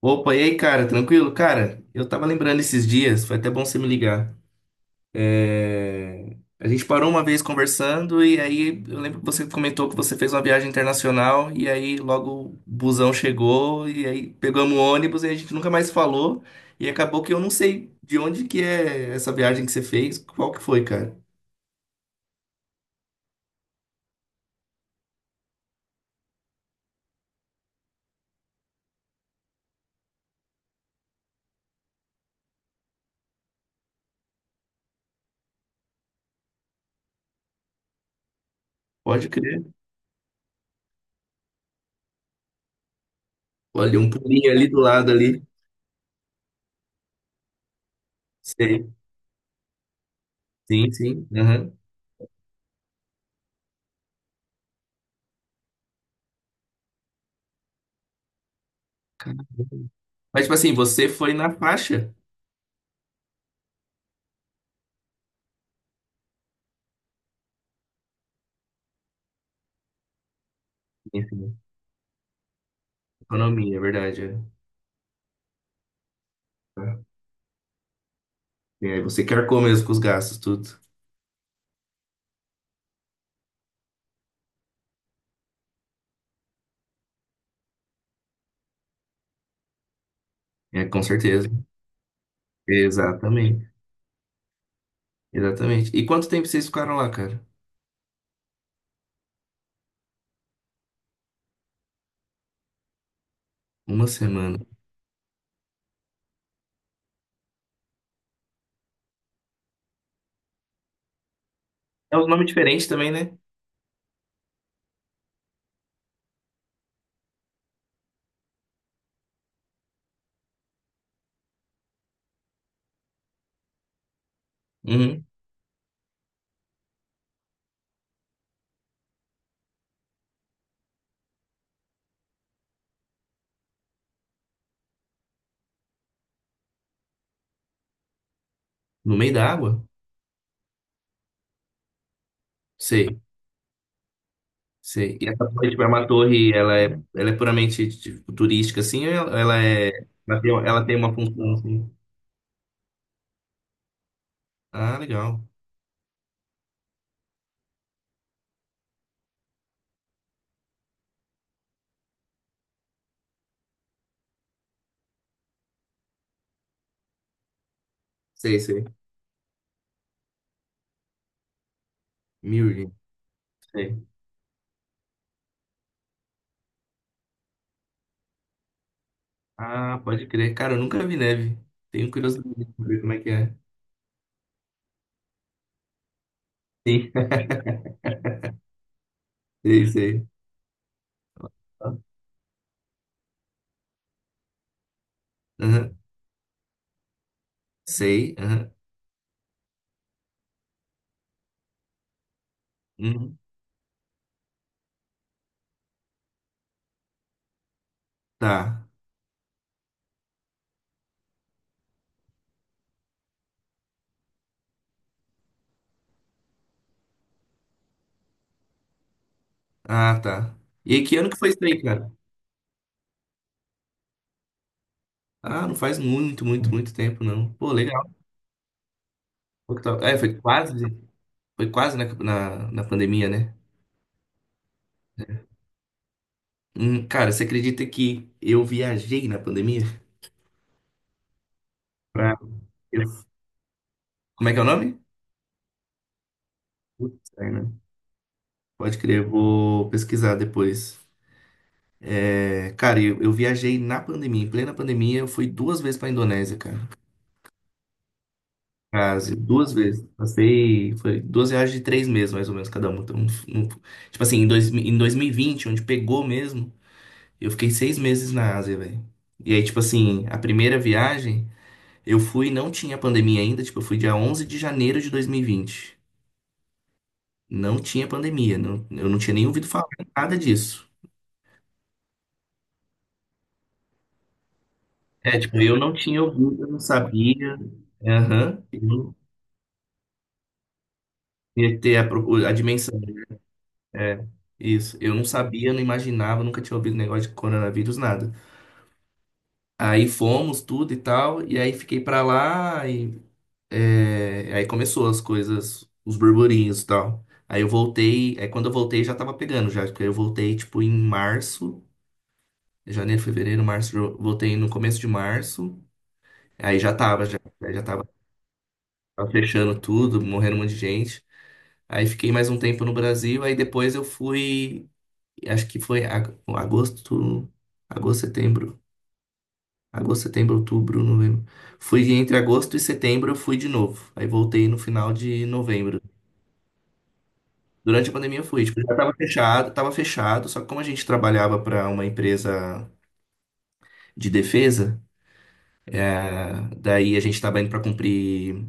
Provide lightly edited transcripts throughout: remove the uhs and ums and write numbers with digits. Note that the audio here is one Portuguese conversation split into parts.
Opa, e aí, cara, tranquilo? Cara, eu tava lembrando esses dias, foi até bom você me ligar. É. A gente parou uma vez conversando e aí eu lembro que você comentou que você fez uma viagem internacional e aí logo o busão chegou e aí pegamos o ônibus e a gente nunca mais falou e acabou que eu não sei de onde que é essa viagem que você fez, qual que foi, cara? Pode crer. Olha, um pulinho ali do lado ali. Sei. Sim, sim. Aham. Mas, tipo assim, você foi na faixa. Enfim, economia, é verdade. É. E aí você quer mesmo com os gastos, tudo. É, com certeza. Exatamente. Exatamente. E quanto tempo vocês ficaram lá, cara? Uma semana. É um nome diferente também, né? Uhum. No meio da água? Sei, sei. E essa torre, tipo, é uma torre, ela é puramente tipo, turística, assim, ou ela é. Ela tem uma função, assim. Ah, legal. Sei, sei. Mirror, sei. Ah, pode crer. Cara, eu nunca vi neve. Tenho curiosidade de ver como é que é. Sim, sei, sei. Aham. Sei, aham. Uhum. Tá. Ah, tá. E aí, que ano que foi isso aí, cara? Ah, não faz muito, muito, muito tempo, não. Pô, legal. Pô, que tal? É, foi quase na pandemia, né? Cara, você acredita que eu viajei na pandemia? Pra- eu- Como é que é o nome? Putz, aí, né? Pode crer, eu vou pesquisar depois. É, cara, eu viajei na pandemia, em plena pandemia, eu fui duas vezes pra Indonésia, cara. Quase, duas vezes. Passei, foi duas viagens de 3 meses, mais ou menos, cada uma. Então, um- tipo assim, em 2020 onde pegou mesmo, eu fiquei 6 meses na Ásia, velho. E aí, tipo assim, a primeira viagem, eu fui, não tinha pandemia ainda, tipo, eu fui dia 11 de janeiro de 2020. Não tinha pandemia, não, eu não tinha nem ouvido falar nada disso. É, tipo, eu não tinha ouvido, eu não sabia. Aham. eu não ia ter a dimensão. É, isso. Eu não sabia, não imaginava, nunca tinha ouvido negócio de coronavírus, nada. Aí fomos, tudo e tal, e aí fiquei pra lá, e é, aí começou as coisas, os burburinhos e tal. Aí eu voltei, aí quando eu voltei já tava pegando já, porque eu voltei tipo em março, janeiro, fevereiro, março, eu voltei no começo de março, aí já tava, já, aí já tava fechando tudo, morrendo um monte de gente. Aí fiquei mais um tempo no Brasil, aí depois eu fui. Acho que foi agosto, agosto, setembro, agosto, setembro, outubro, novembro. Fui entre agosto e setembro, eu fui de novo. Aí voltei no final de novembro. Durante a pandemia eu fui, tipo, já tava fechado, só que como a gente trabalhava para uma empresa de defesa, ah, daí a gente estava indo para cumprir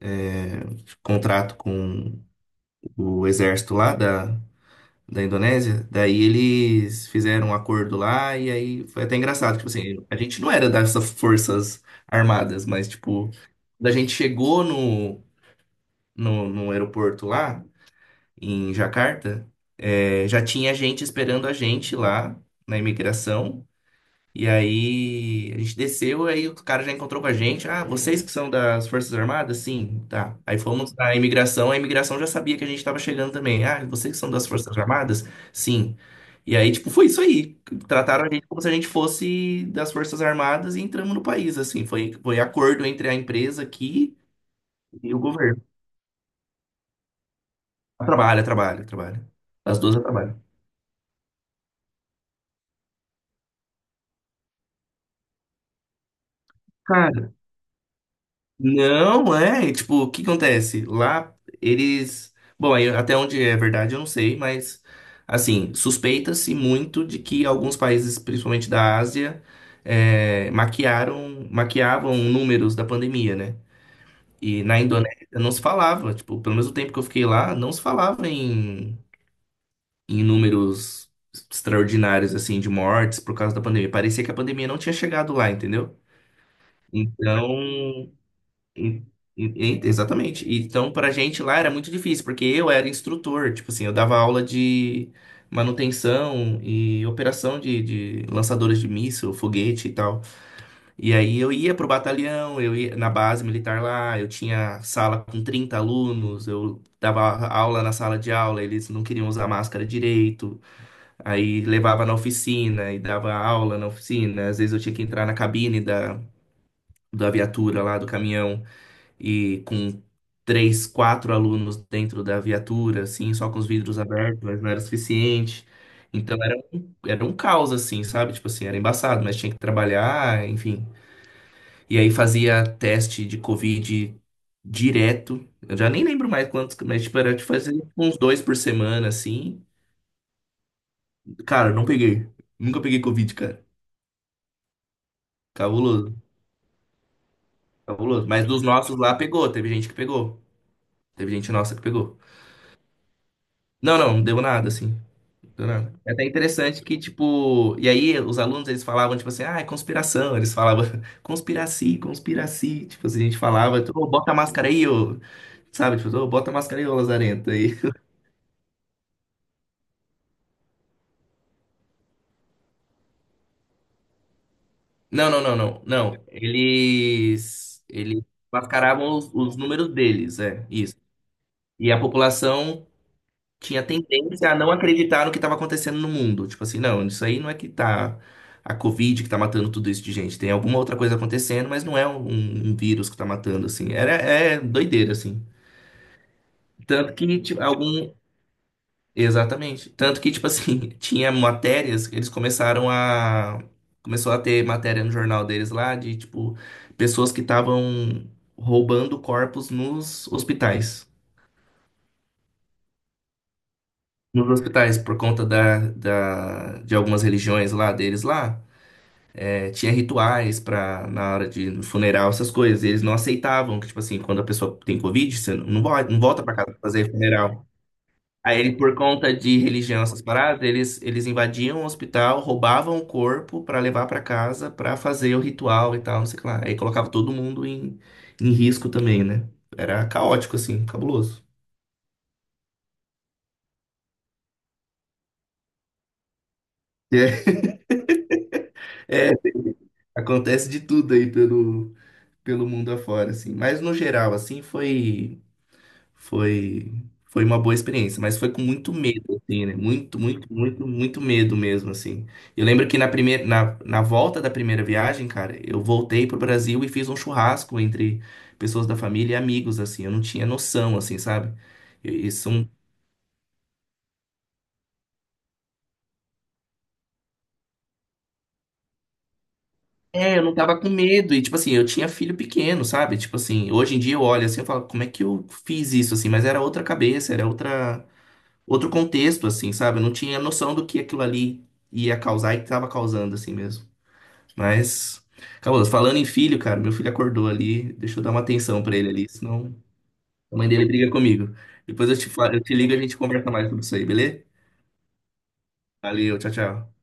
é, contrato com o exército lá da Indonésia, daí eles fizeram um acordo lá e aí foi até engraçado, tipo assim, a gente não era dessas forças armadas, mas tipo, quando a gente chegou no aeroporto lá, em Jacarta, eh, já tinha gente esperando a gente lá na imigração e aí a gente desceu, aí o cara já encontrou com a gente. Ah, vocês que são das Forças Armadas? Sim, tá. Aí fomos na imigração, a imigração já sabia que a gente estava chegando também. Ah, vocês que são das Forças Armadas? Sim. E aí, tipo, foi isso aí. Trataram a gente como se a gente fosse das Forças Armadas e entramos no país, assim. Foi, foi acordo entre a empresa aqui e o governo. Trabalha, trabalha, trabalha. As duas trabalham. Não, é, tipo, o que acontece? Lá eles, bom, aí até onde é verdade eu não sei, mas assim, suspeita-se muito de que alguns países, principalmente da Ásia, é, maquiaram, maquiavam números da pandemia, né? E na Indonésia não se falava, tipo, pelo mesmo tempo que eu fiquei lá, não se falava em, em números extraordinários assim de mortes por causa da pandemia. Parecia que a pandemia não tinha chegado lá, entendeu? Então, e- e- exatamente. E então, pra gente lá era muito difícil, porque eu era instrutor, tipo assim, eu dava aula de manutenção e operação de lançadores de míssil, foguete e tal. E aí eu ia pro batalhão, eu ia na base militar lá, eu tinha sala com 30 alunos, eu dava aula na sala de aula, eles não queriam usar máscara direito, aí levava na oficina e dava aula na oficina, às vezes eu tinha que entrar na cabine da viatura lá, do caminhão e com três, quatro alunos dentro da viatura, assim, só com os vidros abertos, mas não era suficiente. Então era um caos, assim, sabe? Tipo assim, era embaçado, mas tinha que trabalhar, enfim. E aí fazia teste de Covid direto. Eu já nem lembro mais quantos, mas tipo, era de fazer uns dois por semana, assim. Cara, não peguei. Nunca peguei Covid, cara. Cabuloso, cabuloso. Mas dos nossos lá pegou, teve gente que pegou. Teve gente nossa que pegou. Não, não, não deu nada, assim. Do nada. É até interessante que, tipo, e aí os alunos eles falavam, tipo assim, ah, é conspiração. Eles falavam, conspiraci, conspiraci. Tipo assim, a gente falava, ô, bota a máscara aí, ô. Sabe, tipo, ô, bota a máscara aí, ô lazarento. Aí. Não, não, não, não, não. Eles mascaravam os números deles, é, isso. E a população tinha tendência a não acreditar no que estava acontecendo no mundo. Tipo assim, não, isso aí não é que tá a Covid que tá matando tudo isso de gente. Tem alguma outra coisa acontecendo, mas não é um vírus que tá matando, assim. Era, é doideira, assim. Tanto que, tipo, algum. Exatamente. Tanto que, tipo assim, tinha matérias, eles começaram a. Começou a ter matéria no jornal deles lá de, tipo, pessoas que estavam roubando corpos nos hospitais. Nos hospitais, por conta de algumas religiões lá deles lá, é, tinha rituais para na hora de no funeral, essas coisas. E eles não aceitavam que, tipo assim, quando a pessoa tem Covid, você não, não vai- não volta para casa pra fazer funeral. Aí, ele, por conta de religião, essas paradas, eles invadiam o hospital, roubavam o corpo para levar para casa para fazer o ritual e tal, não sei o que lá. Aí colocava todo mundo em, em risco também, né? Era caótico, assim, cabuloso. É, acontece de tudo aí pelo, pelo mundo afora, assim. Mas no geral, assim, foi foi uma boa experiência, mas foi com muito medo, assim, né? Muito, muito, muito, muito medo mesmo, assim. Eu lembro que na primeira na volta da primeira viagem, cara, eu voltei pro Brasil e fiz um churrasco entre pessoas da família e amigos, assim. Eu não tinha noção, assim, sabe? Isso é um. É, eu não tava com medo, e tipo assim, eu tinha filho pequeno, sabe? Tipo assim, hoje em dia eu olho assim e falo, como é que eu fiz isso, assim? Mas era outra cabeça, era outra, outro contexto, assim, sabe? Eu não tinha noção do que aquilo ali ia causar e que tava causando, assim mesmo. Mas, acabou. Falando em filho, cara, meu filho acordou ali. Deixa eu dar uma atenção pra ele ali, senão a mãe dele briga comigo. Depois eu te falo, eu te ligo e a gente conversa mais sobre isso aí, beleza? Valeu, tchau, tchau.